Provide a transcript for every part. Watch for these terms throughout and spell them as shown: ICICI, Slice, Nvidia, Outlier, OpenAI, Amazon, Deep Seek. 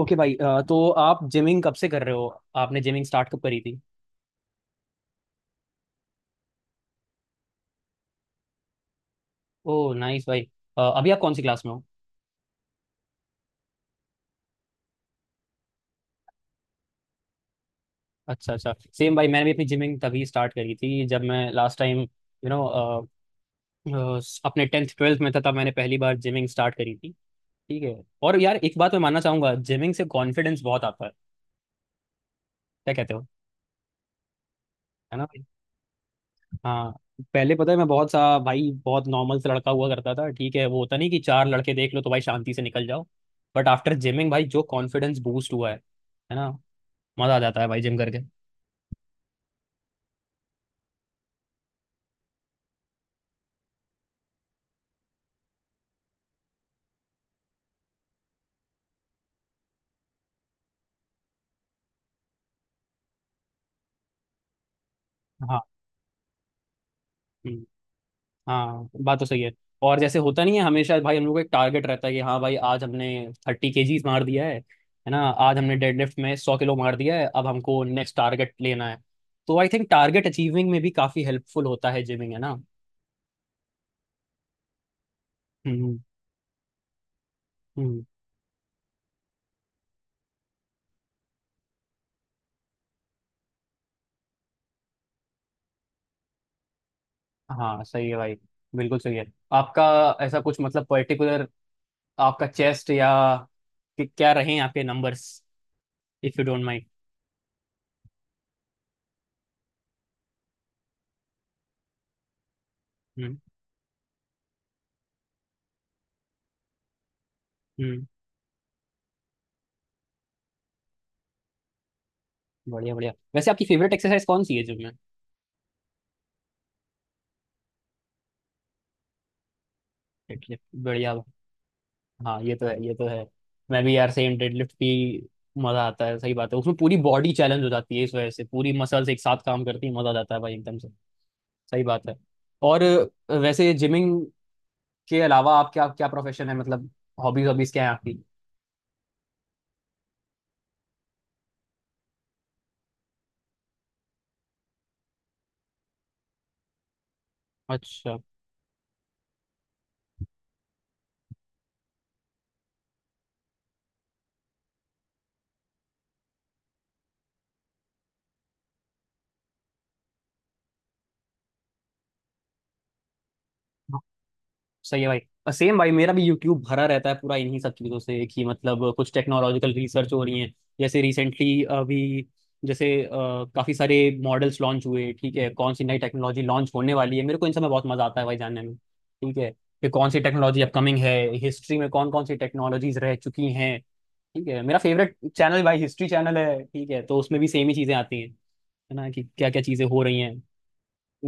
Okay भाई, तो आप जिमिंग कब से कर रहे हो। आपने जिमिंग स्टार्ट कब करी थी। ओ नाइस भाई। अभी आप कौन सी क्लास में हो। अच्छा अच्छा। सेम भाई, मैंने भी अपनी जिमिंग तभी स्टार्ट करी थी जब मैं लास्ट टाइम, अपने टेंथ ट्वेल्थ में था तब मैंने पहली बार जिमिंग स्टार्ट करी थी। ठीक है। और यार एक बात मैं मानना चाहूंगा, जिमिंग से कॉन्फिडेंस बहुत आता है, क्या कहते हो। है ना। हाँ। पहले पता है, मैं बहुत सा भाई बहुत नॉर्मल से लड़का हुआ करता था। ठीक है, वो होता नहीं कि चार लड़के देख लो तो भाई शांति से निकल जाओ। बट आफ्टर जिमिंग भाई जो कॉन्फिडेंस बूस्ट हुआ है ना, मजा आ जाता है भाई जिम करके। हाँ। हम्म। हाँ, बात तो सही है। और जैसे होता नहीं है, हमेशा भाई हम लोग को एक टारगेट रहता है कि हाँ भाई आज हमने 30 केजीज मार दिया है ना, आज हमने डेडलिफ्ट में 100 किलो मार दिया है, अब हमको नेक्स्ट टारगेट लेना है। तो आई थिंक टारगेट अचीविंग में भी काफी हेल्पफुल होता है जिमिंग, है ना। हम्म। हम्म। हाँ सही है भाई, बिल्कुल सही है। आपका ऐसा कुछ मतलब पर्टिकुलर, आपका चेस्ट, या कि क्या रहे आपके numbers, if you don't mind. हम्म। हम्म। बढ़िया बढ़िया। वैसे आपकी फेवरेट एक्सरसाइज कौन सी है जिम में। डेडलिफ्ट, बढ़िया। हाँ ये तो है, ये तो है। मैं भी यार सेम, डेडलिफ्ट भी मजा आता है, सही बात है। उसमें पूरी बॉडी चैलेंज हो जाती है, इस वजह से पूरी मसल्स एक साथ काम करती है, मजा आ जाता है भाई एकदम से। सही बात है। और वैसे जिमिंग के अलावा आप क्या क्या प्रोफेशन है मतलब, हॉबीज, हॉबीज क्या है आपकी। अच्छा। सही है भाई। और सेम भाई मेरा भी यूट्यूब भरा रहता है पूरा इन्हीं सब चीज़ों से, कि मतलब कुछ टेक्नोलॉजिकल रिसर्च हो रही है। जैसे रिसेंटली अभी जैसे काफी सारे मॉडल्स लॉन्च हुए। ठीक है, कौन सी नई टेक्नोलॉजी लॉन्च होने वाली है, मेरे को इन सब में बहुत मजा आता है भाई जानने में। ठीक है, कि कौन सी टेक्नोलॉजी अपकमिंग है, हिस्ट्री में कौन कौन सी टेक्नोलॉजीज रह चुकी हैं। ठीक है, मेरा फेवरेट चैनल भाई हिस्ट्री चैनल है, ठीक है, तो उसमें भी सेम ही चीज़ें आती हैं, है ना, कि क्या क्या चीज़ें हो रही हैं,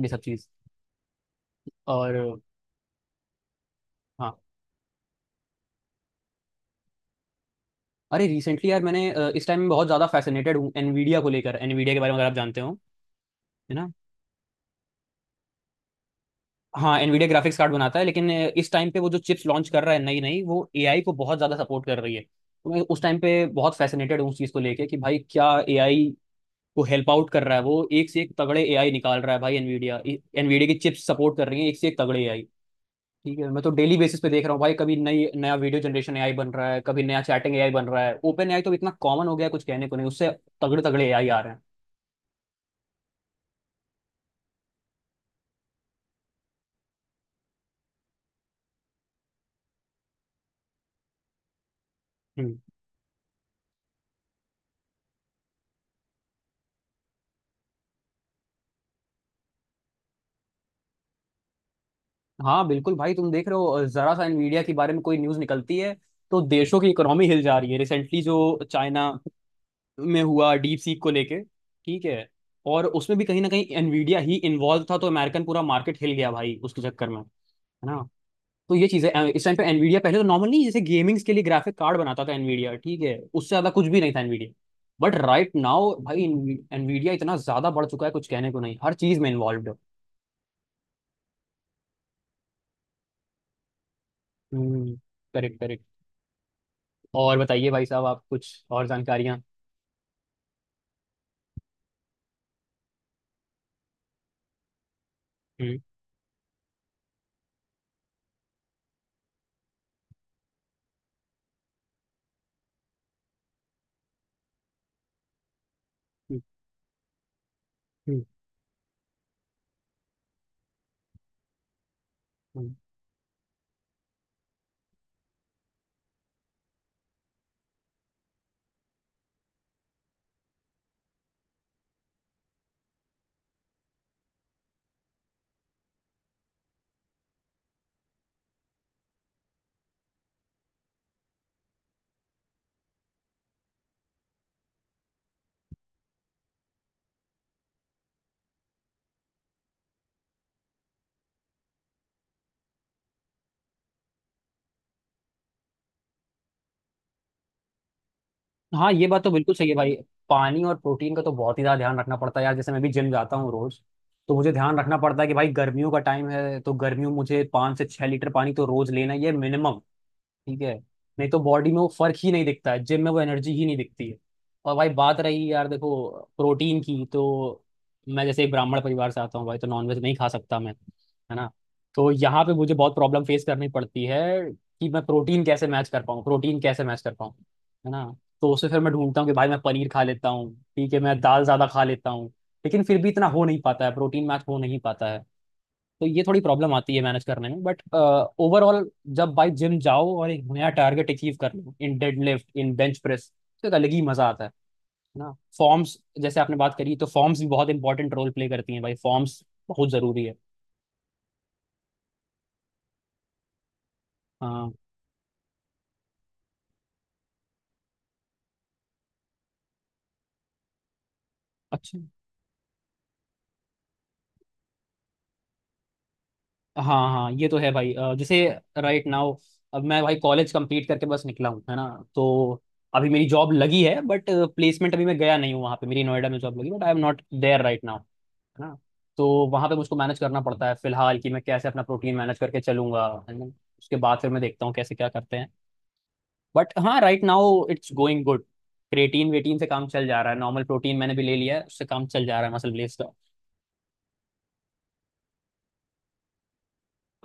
ये सब चीज़। और हाँ, अरे रिसेंटली यार मैंने इस टाइम में बहुत ज़्यादा फैसिनेटेड हूँ एनवीडिया को लेकर, एनवीडिया के बारे में अगर आप जानते हो, है ना। हाँ, एनवीडिया ग्राफिक्स कार्ड बनाता है लेकिन इस टाइम पे वो जो चिप्स लॉन्च कर रहा है नई नई, वो एआई को बहुत ज़्यादा सपोर्ट कर रही है। तो मैं उस टाइम पे बहुत फैसिनेटेड हूँ उस चीज़ को लेके कि भाई क्या एआई को हेल्प आउट कर रहा है। वो एक से एक तगड़े एआई निकाल रहा है भाई, एनवीडिया, एनवीडिया की चिप्स सपोर्ट कर रही है एक से एक तगड़े एआई। ठीक है, मैं तो डेली बेसिस पे देख रहा हूँ भाई, कभी नई नया वीडियो जनरेशन एआई बन रहा है, कभी नया चैटिंग एआई बन रहा है, ओपन एआई तो इतना कॉमन हो गया है, कुछ कहने को नहीं उससे। तगड़े तगड़े एआई आ रहे हैं। हम्म। हाँ बिल्कुल भाई, तुम देख रहे हो जरा सा nvidia के बारे में कोई न्यूज निकलती है तो देशों की इकोनॉमी हिल जा रही है। रिसेंटली जो चाइना में हुआ डीप सीक को लेके, ठीक है, और उसमें भी कहीं ना कहीं nvidia ही इन्वॉल्व था, तो अमेरिकन पूरा मार्केट हिल गया भाई उसके चक्कर में, है ना। तो ये चीज है, इस टाइम पे nvidia, पहले तो नॉर्मल नहीं, जैसे गेमिंग्स के लिए ग्राफिक कार्ड बनाता था nvidia, ठीक है, उससे ज्यादा कुछ भी नहीं था nvidia, बट राइट नाउ भाई nvidia इतना ज्यादा बढ़ चुका है, कुछ कहने को नहीं, हर चीज में इन्वॉल्व है। Correct correct. और बताइए भाई साहब, आप कुछ और जानकारियाँ। हम्म। हम्म। हम्म। हम्म। हाँ ये बात तो बिल्कुल सही है भाई। पानी और प्रोटीन का तो बहुत ही ज़्यादा ध्यान रखना पड़ता है यार। जैसे मैं भी जिम जाता हूँ रोज तो मुझे ध्यान रखना पड़ता है कि भाई गर्मियों का टाइम है तो गर्मियों में मुझे 5 से 6 लीटर पानी तो रोज लेना ही है मिनिमम। ठीक है, नहीं तो बॉडी में वो फर्क ही नहीं दिखता है, जिम में वो एनर्जी ही नहीं दिखती है। और भाई बात रही यार, देखो प्रोटीन की, तो मैं जैसे एक ब्राह्मण परिवार से आता हूँ भाई तो नॉनवेज नहीं खा सकता मैं, है ना। तो यहाँ पे मुझे बहुत प्रॉब्लम फेस करनी पड़ती है कि मैं प्रोटीन कैसे मैच कर पाऊँ, प्रोटीन कैसे मैच कर पाऊँ, है ना। तो उससे फिर मैं ढूंढता हूँ कि भाई मैं पनीर खा लेता हूँ, ठीक है, मैं दाल ज़्यादा खा लेता हूँ। लेकिन फिर भी इतना हो नहीं पाता है, प्रोटीन मैच हो नहीं पाता है। तो ये थोड़ी प्रॉब्लम आती है मैनेज करने में, बट ओवरऑल जब भाई जिम जाओ और एक नया टारगेट अचीव कर लो in deadlift, in bench press, तो एक अलग ही मजा आता है ना। फॉर्म्स, जैसे आपने बात करी, तो फॉर्म्स भी बहुत इंपॉर्टेंट रोल प्ले करती हैं भाई, फॉर्म्स बहुत जरूरी है। हाँ। अच्छा। हाँ हाँ ये तो है भाई। जैसे राइट नाउ, अब मैं भाई कॉलेज कंप्लीट करके बस निकला हूँ, है ना। तो अभी मेरी जॉब लगी है, बट प्लेसमेंट अभी मैं गया नहीं हूँ वहाँ पे, मेरी नोएडा में जॉब लगी, but I am not there right now, है ना। तो वहां पे मुझको मैनेज करना पड़ता है फिलहाल कि मैं कैसे अपना प्रोटीन मैनेज करके चलूंगा, है ना। उसके बाद फिर मैं देखता हूँ कैसे क्या करते हैं। बट हाँ right now it's going good, creatine वेटिन से काम चल जा रहा है, नॉर्मल प्रोटीन मैंने भी ले लिया है, उससे काम चल जा रहा है मसल ब्लेस का।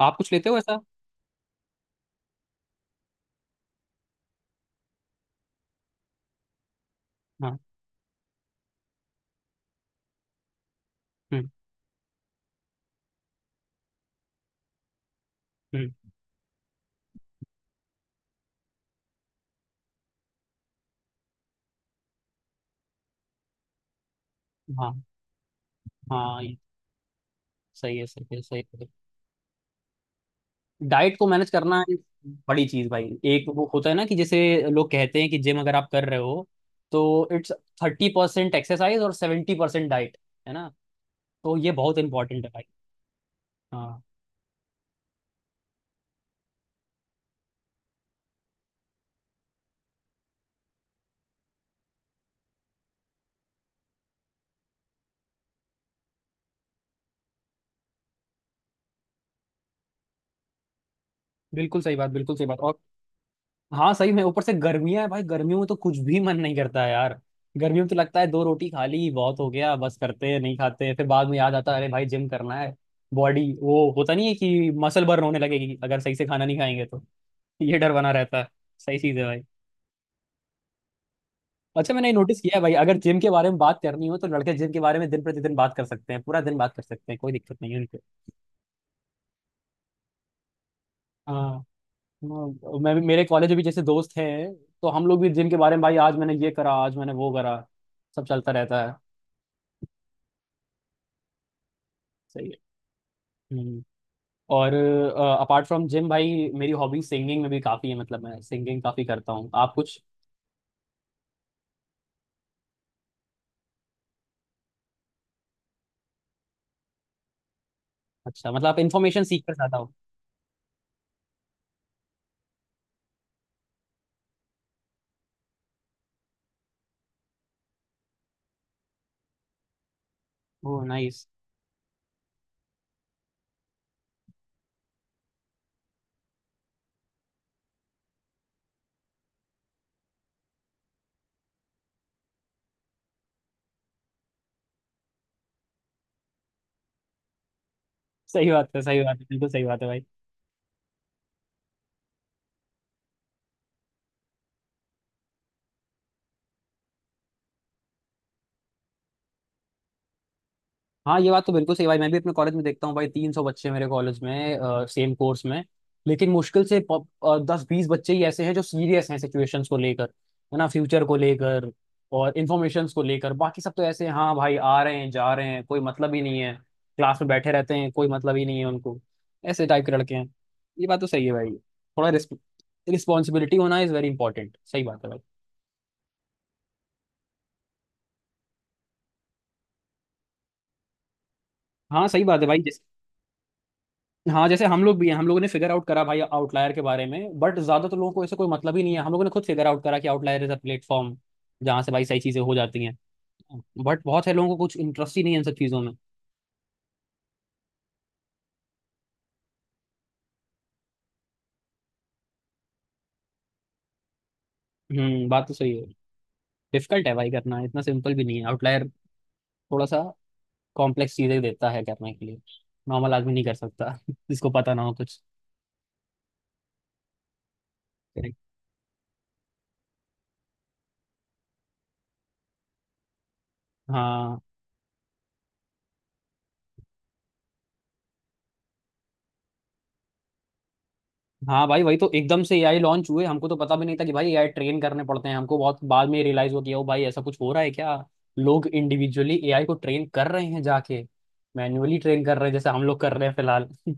आप कुछ लेते हो ऐसा। हाँ। हम्म। हम्म। हाँ हाँ ये सही है, सही है, सही है। डाइट को मैनेज करना एक बड़ी चीज भाई। एक वो होता है ना कि जैसे लोग कहते हैं कि जिम अगर आप कर रहे हो तो इट्स 30% एक्सरसाइज और 70% डाइट, है ना, तो ये बहुत इंपॉर्टेंट है भाई। हाँ। बिल्कुल सही बात, बिल्कुल सही बात। और हाँ सही में, ऊपर से गर्मियां है भाई, गर्मियों में तो कुछ भी मन नहीं करता है यार। गर्मियों में तो लगता है दो रोटी खा ली बहुत हो गया, बस करते हैं नहीं खाते हैं, फिर बाद में याद आता है अरे भाई जिम करना है, बॉडी, वो होता नहीं है कि मसल बर्न होने लगेगी अगर सही से खाना नहीं खाएंगे तो। ये डर बना रहता है। सही चीज है भाई। अच्छा मैंने नोटिस किया है भाई, अगर जिम के बारे में बात करनी हो तो लड़के जिम के बारे में दिन प्रतिदिन बात कर सकते हैं, पूरा दिन बात कर सकते हैं, कोई दिक्कत नहीं है उनको। हाँ। हाँ, मैं भी, मेरे कॉलेज में भी जैसे दोस्त हैं तो हम लोग भी जिम के बारे में भाई, आज मैंने ये करा, आज मैंने वो करा, सब चलता रहता है। सही है। हम्म। और अपार्ट फ्रॉम जिम भाई, मेरी हॉबी सिंगिंग में भी काफ़ी है, मतलब मैं सिंगिंग काफ़ी करता हूँ। आप कुछ। अच्छा, मतलब आप इन्फॉर्मेशन सीख कर जाता हो। Oh nice. सही बात है, सही बात है, बिल्कुल सही बात है भाई। हाँ ये बात तो बिल्कुल सही भाई। मैं भी अपने कॉलेज में देखता हूँ भाई, 300 बच्चे मेरे कॉलेज में सेम कोर्स में, लेकिन मुश्किल से 10-20 बच्चे ही ऐसे हैं जो सीरियस हैं सिचुएशंस को लेकर, है ना, फ्यूचर को लेकर, और इन्फॉर्मेशंस को लेकर। बाकी सब तो ऐसे हैं, हाँ भाई आ रहे हैं जा रहे हैं, कोई मतलब ही नहीं है, क्लास में बैठे रहते हैं, कोई मतलब ही नहीं है उनको, ऐसे टाइप के लड़के हैं। ये बात तो सही है भाई, थोड़ा रिस्पॉन्सिबिलिटी होना इज वेरी इंपॉर्टेंट, सही बात है भाई। हाँ सही बात है भाई। हाँ, जैसे हम लोग भी हैं, हम लोगों ने फिगर आउट करा भाई आउटलायर के बारे में, बट ज्यादातर लोगों को ऐसे कोई मतलब ही नहीं है। हम लोगों ने खुद फिगर आउट करा कि आउटलायर इज अ प्लेटफॉर्म जहाँ से भाई सही चीजें हो जाती हैं, बट बहुत से लोगों को कुछ इंटरेस्ट ही नहीं है इन सब चीजों में। हम्म, बात तो सही है। डिफिकल्ट है भाई करना, इतना सिंपल भी नहीं है आउटलायर, थोड़ा सा कॉम्प्लेक्स चीजें देता है करने के लिए, नॉर्मल आदमी नहीं कर सकता जिसको पता ना हो कुछ। हाँ। हाँ भाई वही तो, एकदम से एआई लॉन्च हुए, हमको तो पता भी नहीं था कि भाई एआई ट्रेन करने पड़ते हैं। हमको बहुत बाद में रियलाइज हुआ कि ओ भाई ऐसा कुछ हो रहा है क्या, लोग इंडिविजुअली एआई को ट्रेन कर रहे हैं जाके, मैन्युअली ट्रेन कर रहे हैं, जैसे हम लोग कर रहे हैं फिलहाल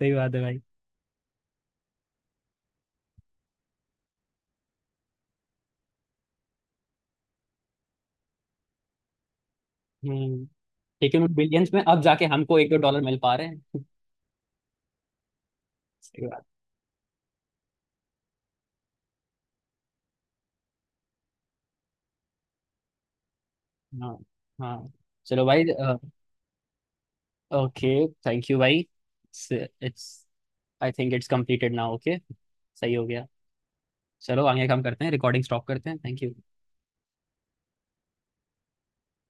सही बात है भाई। हम्म। लेकिन उन बिलियंस में अब जाके हमको एक दो डॉलर मिल पा रहे हैं सही बात। हाँ हाँ। चलो भाई। ओके, थैंक यू भाई। It's, I think it's completed now, okay, सही हो गया। चलो आगे काम करते हैं, रिकॉर्डिंग स्टॉप करते हैं, थैंक यू।